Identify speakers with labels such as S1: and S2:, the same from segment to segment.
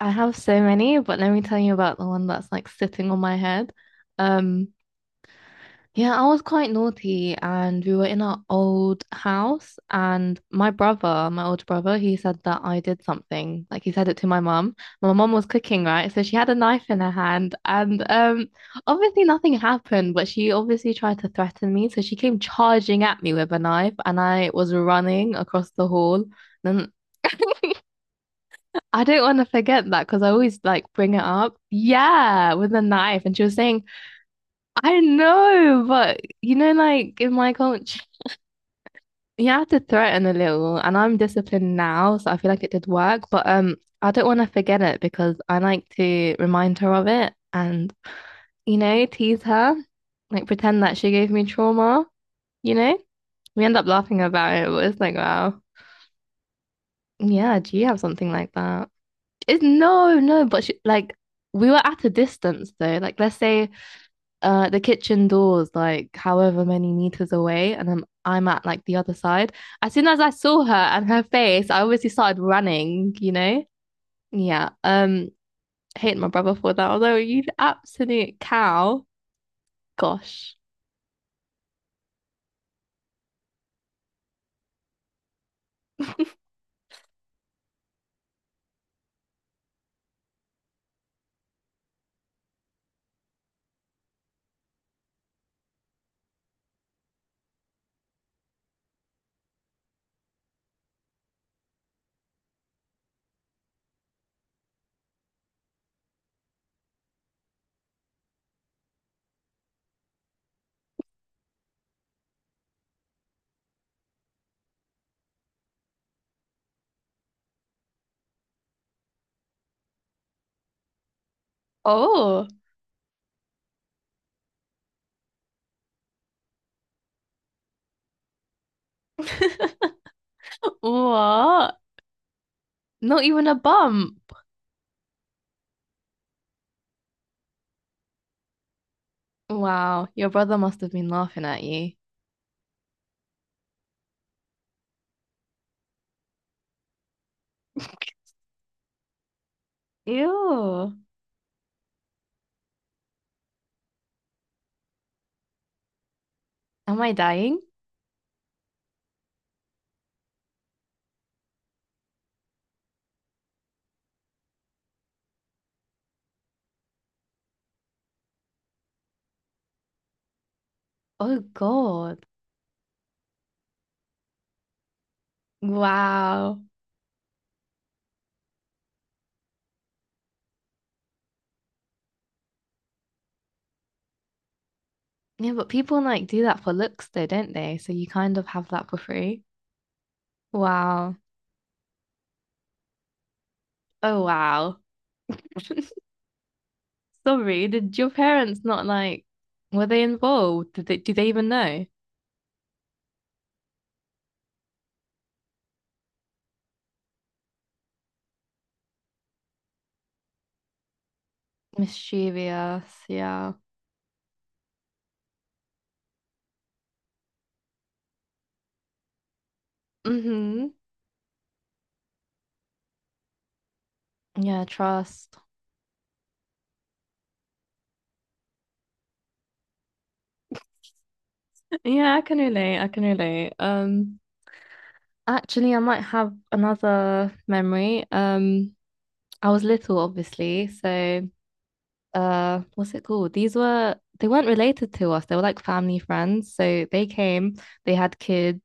S1: I have so many, but let me tell you about the one that's like sitting on my head. Um, yeah, I was quite naughty and we were in our old house and my older brother, he said that I did something. Like he said it to my mum. My mum was cooking, right? So she had a knife in her hand and obviously nothing happened, but she obviously tried to threaten me. So she came charging at me with a knife and I was running across the hall. Then I don't want to forget that because I always like bring it up. Yeah, with a knife. And she was saying, I know, but you know, like in my culture, you have to threaten a little. And I'm disciplined now, so I feel like it did work. But I don't want to forget it because I like to remind her of it and, you know, tease her, like pretend that she gave me trauma, you know? We end up laughing about it, but it's like, wow. Yeah, do you have something like that? It's no, no, but she, like we were at a distance though. Like let's say the kitchen door's like however many meters away and I'm at like the other side. As soon as I saw her and her face, I obviously started running, you know? Yeah. Hate my brother for that. Although you absolute cow. Gosh. Oh. What? Not even a bump. Wow, your brother must have been laughing at you. Ew. Am I dying? Oh God. Wow. Yeah, but people like do that for looks though, don't they? So you kind of have that for free. Wow. Oh, wow. Sorry, did your parents not like, were they involved? Did they, do they even know? Mischievous, yeah. Mm-hmm. Yeah, trust. Yeah, I can relate. I can relate. Actually, I might have another memory. I was little, obviously, so what's it called? These were they weren't related to us. They were like family friends. So they came, they had kids.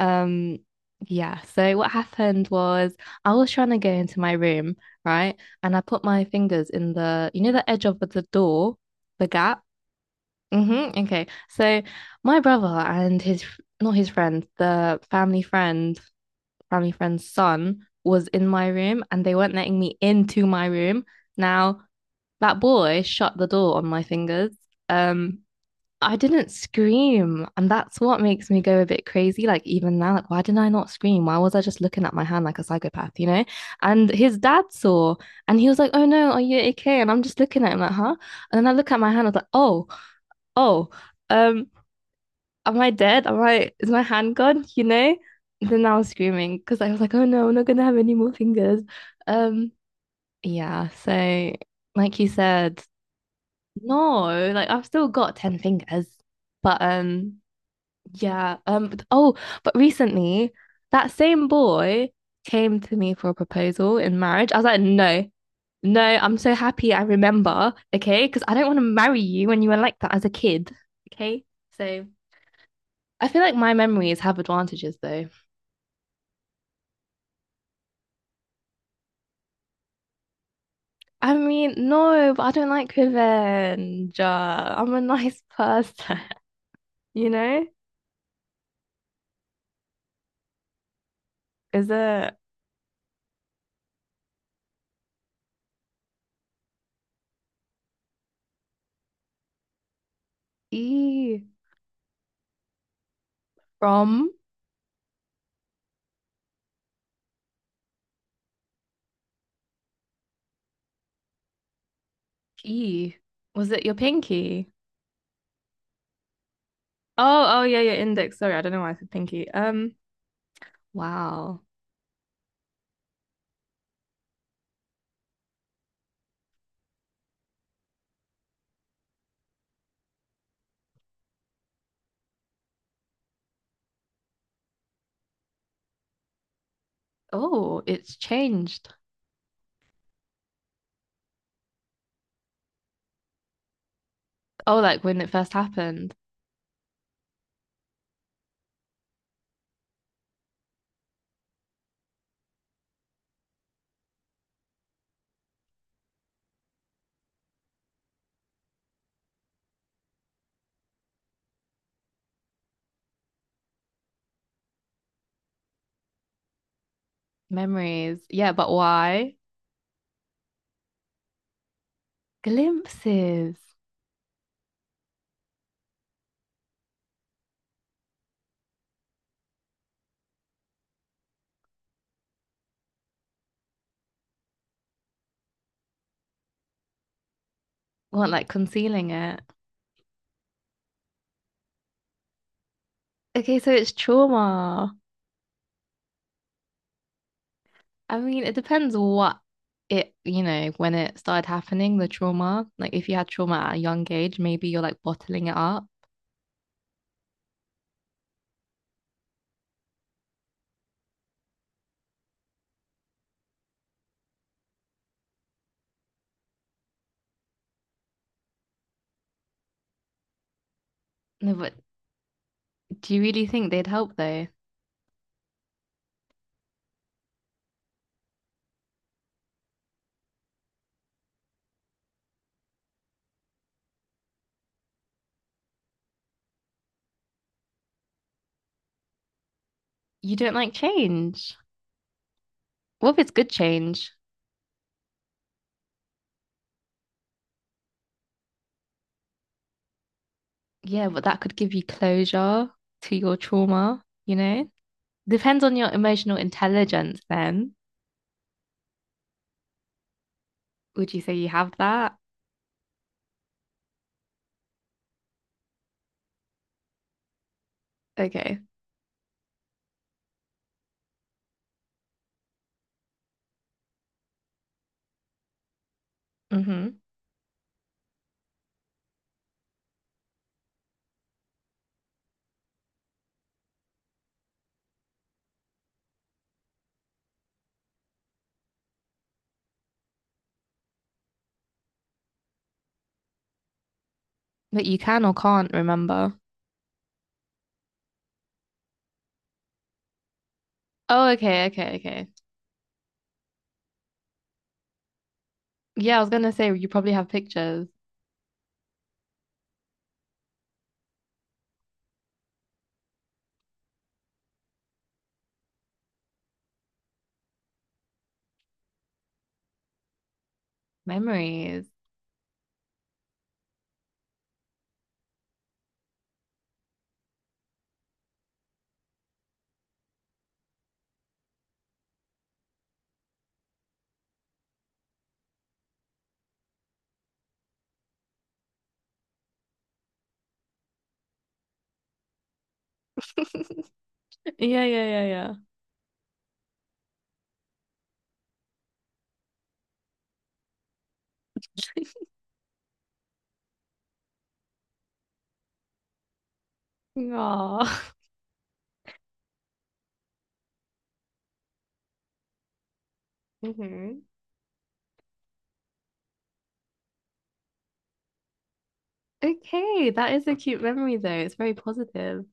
S1: Um yeah, so what happened was I was trying to go into my room, right? And I put my fingers in the you know the edge of the door, the gap. Mm-hmm. Okay. So my brother and his not his friend, the family friend, family friend's son was in my room and they weren't letting me into my room. Now that boy shut the door on my fingers. Um, I didn't scream, and that's what makes me go a bit crazy. Like even now, like why didn't I not scream? Why was I just looking at my hand like a psychopath, you know? And his dad saw, and he was like, "Oh no, are you okay?" And I'm just looking at him like, "Huh?" And then I look at my hand, I was like, "Oh, oh, um, am I dead? Am I? Is my hand gone? You know?" And then I was screaming because I was like, "Oh no, I'm not gonna have any more fingers." Um, yeah. So, like you said no, like I've still got 10 fingers. But yeah, oh, but recently that same boy came to me for a proposal in marriage. I was like, "No. No, I'm so happy I remember, okay? Because I don't want to marry you when you were like that as a kid, okay? So I feel like my memories have advantages though. I mean, no, but I don't like revenge. I'm a nice person, you know? Is it E from? E. Was it your pinky? Oh, oh yeah, your index. Sorry, I don't know why I said pinky. Wow. Oh, it's changed. Oh, like when it first happened. Memories. Yeah, but why? Glimpses. Were like concealing it. Okay, so it's trauma. I mean, it depends what it, you know, when it started happening, the trauma. Like if you had trauma at a young age, maybe you're like bottling it up. No, but do you really think they'd help though? You don't like change. What if it's good change? Yeah, but that could give you closure to your trauma, you know? Depends on your emotional intelligence then. Would you say you have that? Okay. Mm-hmm. But you can or can't remember. Oh, okay, okay, okay. Yeah, I was gonna say you probably have pictures, memories. Yeah, yeah, yeah, yeah. Aw. hmm Okay, that is a cute memory though. It's very positive.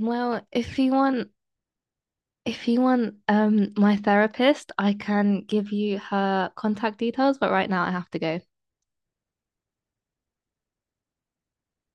S1: Well, if you want, my therapist, I can give you her contact details, but right now I have to go.